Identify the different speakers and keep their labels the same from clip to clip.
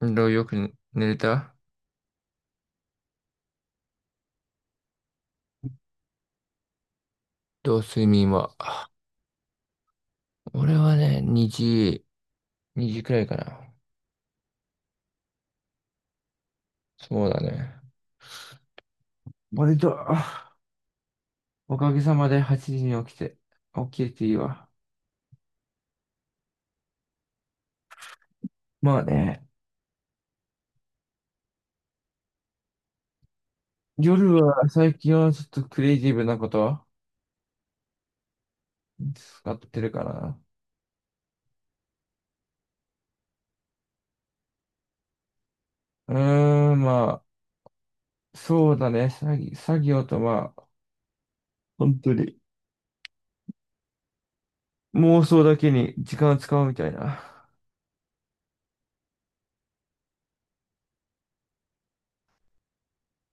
Speaker 1: 運動よく寝れた。どう睡眠は。俺はね、2時、2時くらいかな。そうだね。割と、おかげさまで8時に起きて、起きれていいわ。まあね、夜は最近はちょっとクリエイティブなこと使ってるかな。うまあ、そうだね。作業とまあ、本当に妄想だけに時間を使うみたいな。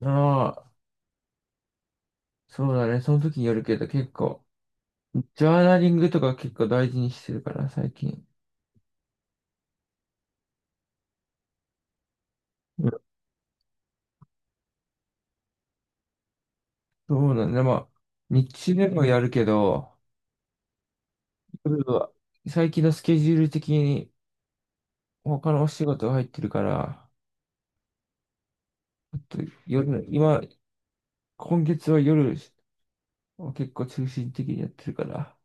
Speaker 1: ああ、そうだね。その時によるけど結構ジャーナリングとか結構大事にしてるから、最近。うん、そうなんだ。まあ、日中でもやるけど、夜は最近のスケジュール的に他のお仕事が入ってるから、ちょっと夜の、今、今月は夜を結構中心的にやってるから、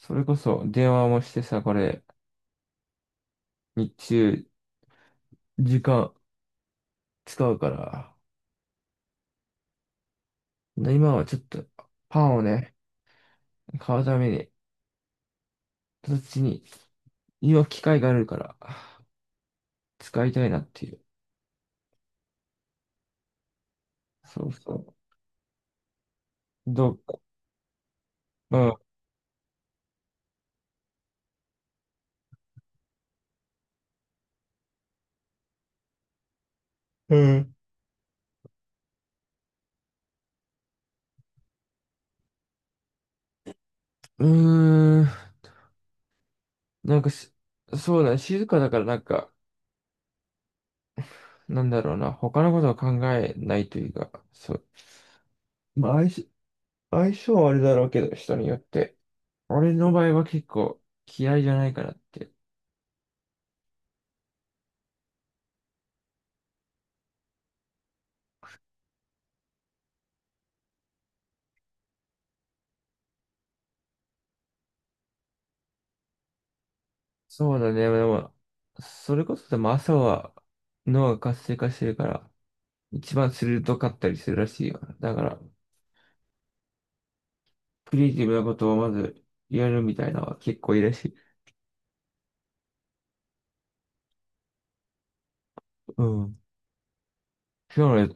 Speaker 1: それこそ電話もしてさ、これ、日中時間使うから、で今はちょっとパンをね、買うために、そっちに、今機会があるから、使いたいなっていう。そうそう。どう、うん。うん。うーん。なんかし、そうだね、静かだからなんか、なんだろうな、他のことを考えないというか、そう。まあ、相性はあれだろうけど、人によって。俺の場合は結構嫌いじゃないかなって。そうだね、でも、それこそでも朝は脳が活性化してるから、一番鋭かったりするらしいよ。だから、クリエイティブなことをまずやるみたいなのは結構いいらしい。うん。今日の、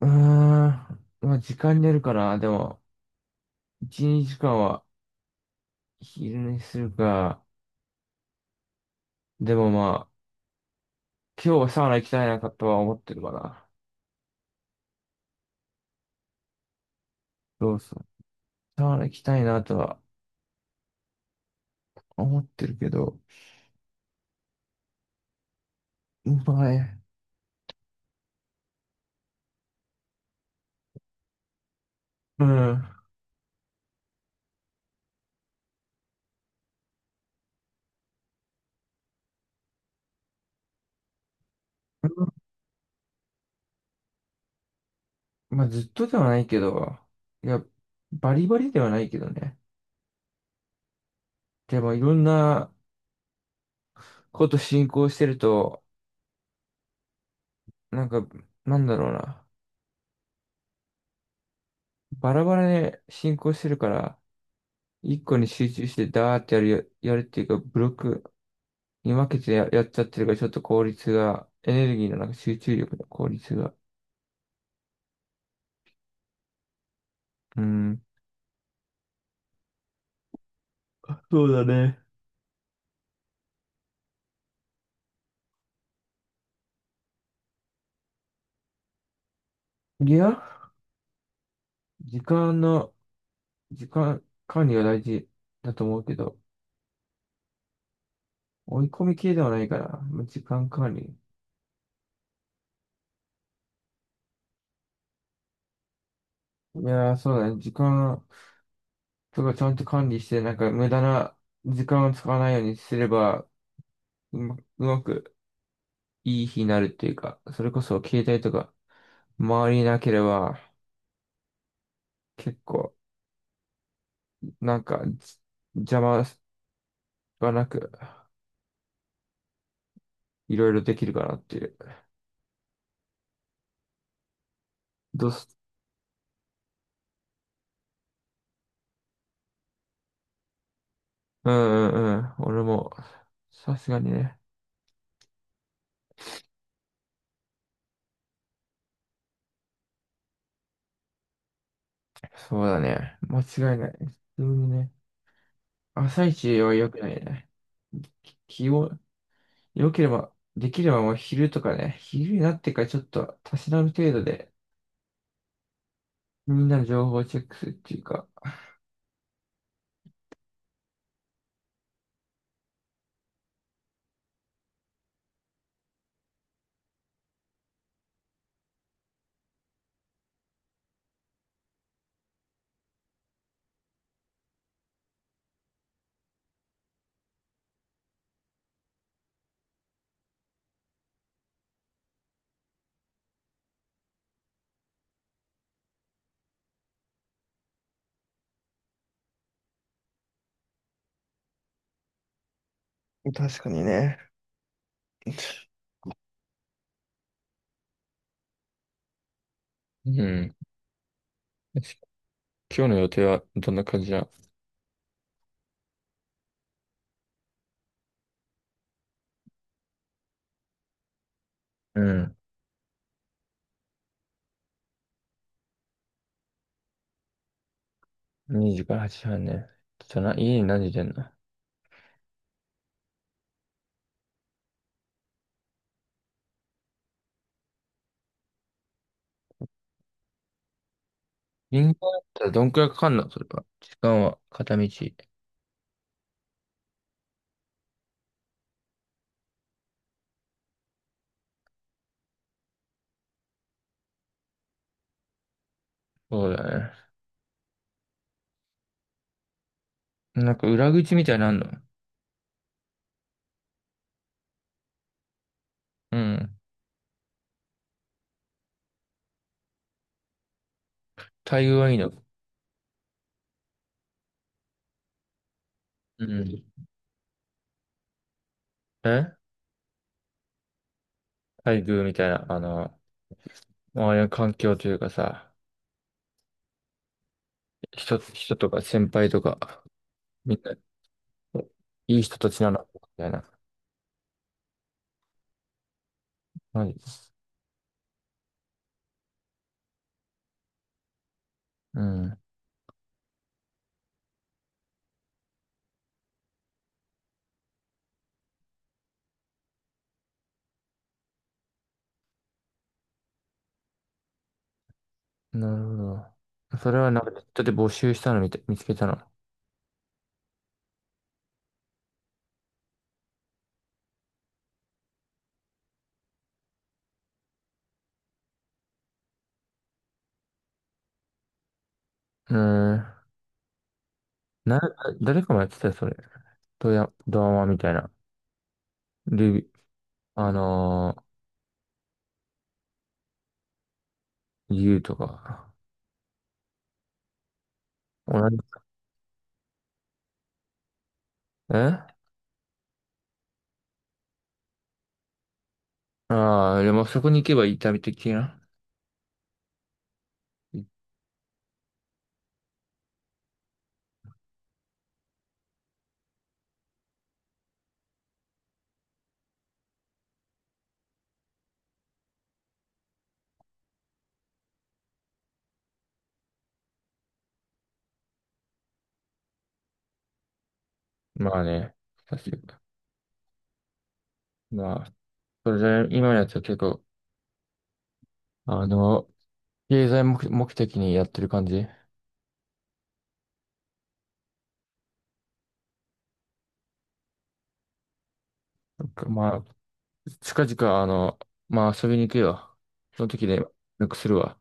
Speaker 1: うーん、まあ、時間によるかな。でも、1、2時間は昼寝するか。でもまあ、今日はサウナ行きたいなとは思ってるかな。そうそう。サウナ行きたいなとは思ってるけど、まあね、うん。まあ、ずっとではないけど、いや、バリバリではないけどね。でも、いろんなこと進行してると、なんか、なんだろうな。バラバラで進行してるから、一個に集中してダーってやるよ、やるっていうか、ブロックに分けてやっちゃってるから、ちょっと効率が、エネルギーのなんか集中力の効率が。うん。そうだね。いや、時間の、時間管理が大事だと思うけど、追い込み系ではないから、まあ時間管理。いやー、そうだね。時間とかちゃんと管理して、なんか無駄な時間を使わないようにすれば、うまくいい日になるっていうか、それこそ携帯とか周りになければ、結構、なんか、じ邪魔がなく、いろいろできるかなっていう。どうす、うんうんうん。俺も、さすがにね。そうだね。間違いない。普通にね。朝一は良くないね。き気を、良ければ、できればもう昼とかね、昼になってからちょっと、たしなむ程度で、みんなの情報をチェックするっていうか、確かにね。うん。今日の予定はどんな感じだ。うん。2時から8時半ね。ちょっとな、家に何時出んの。銀行だったらどんくらいかかんのそれは。時間は片道。そうだね。なんか裏口みたいなのあんの。うん。待遇はいいの。うん。え、待遇みたいな、あの、周りの環境というかさ、人とか先輩とか、みんな、いい人たちなのみたいな。マジ？うん。なるほど。それはなんかネットで募集したの見て、見つけたの。うん。な、誰かもやってたよ、それ。ドラマみたいな。ルビ、あのー、ユーとか。同じ、え、ああー、でもそこに行けば痛み的な。い、まあね、確かに。まあ、それで今のやつは結構、あの、経済目、目的にやってる感じ。なんかまあ、近々、あの、まあ遊びに行くよ。その時で、なんかするわ。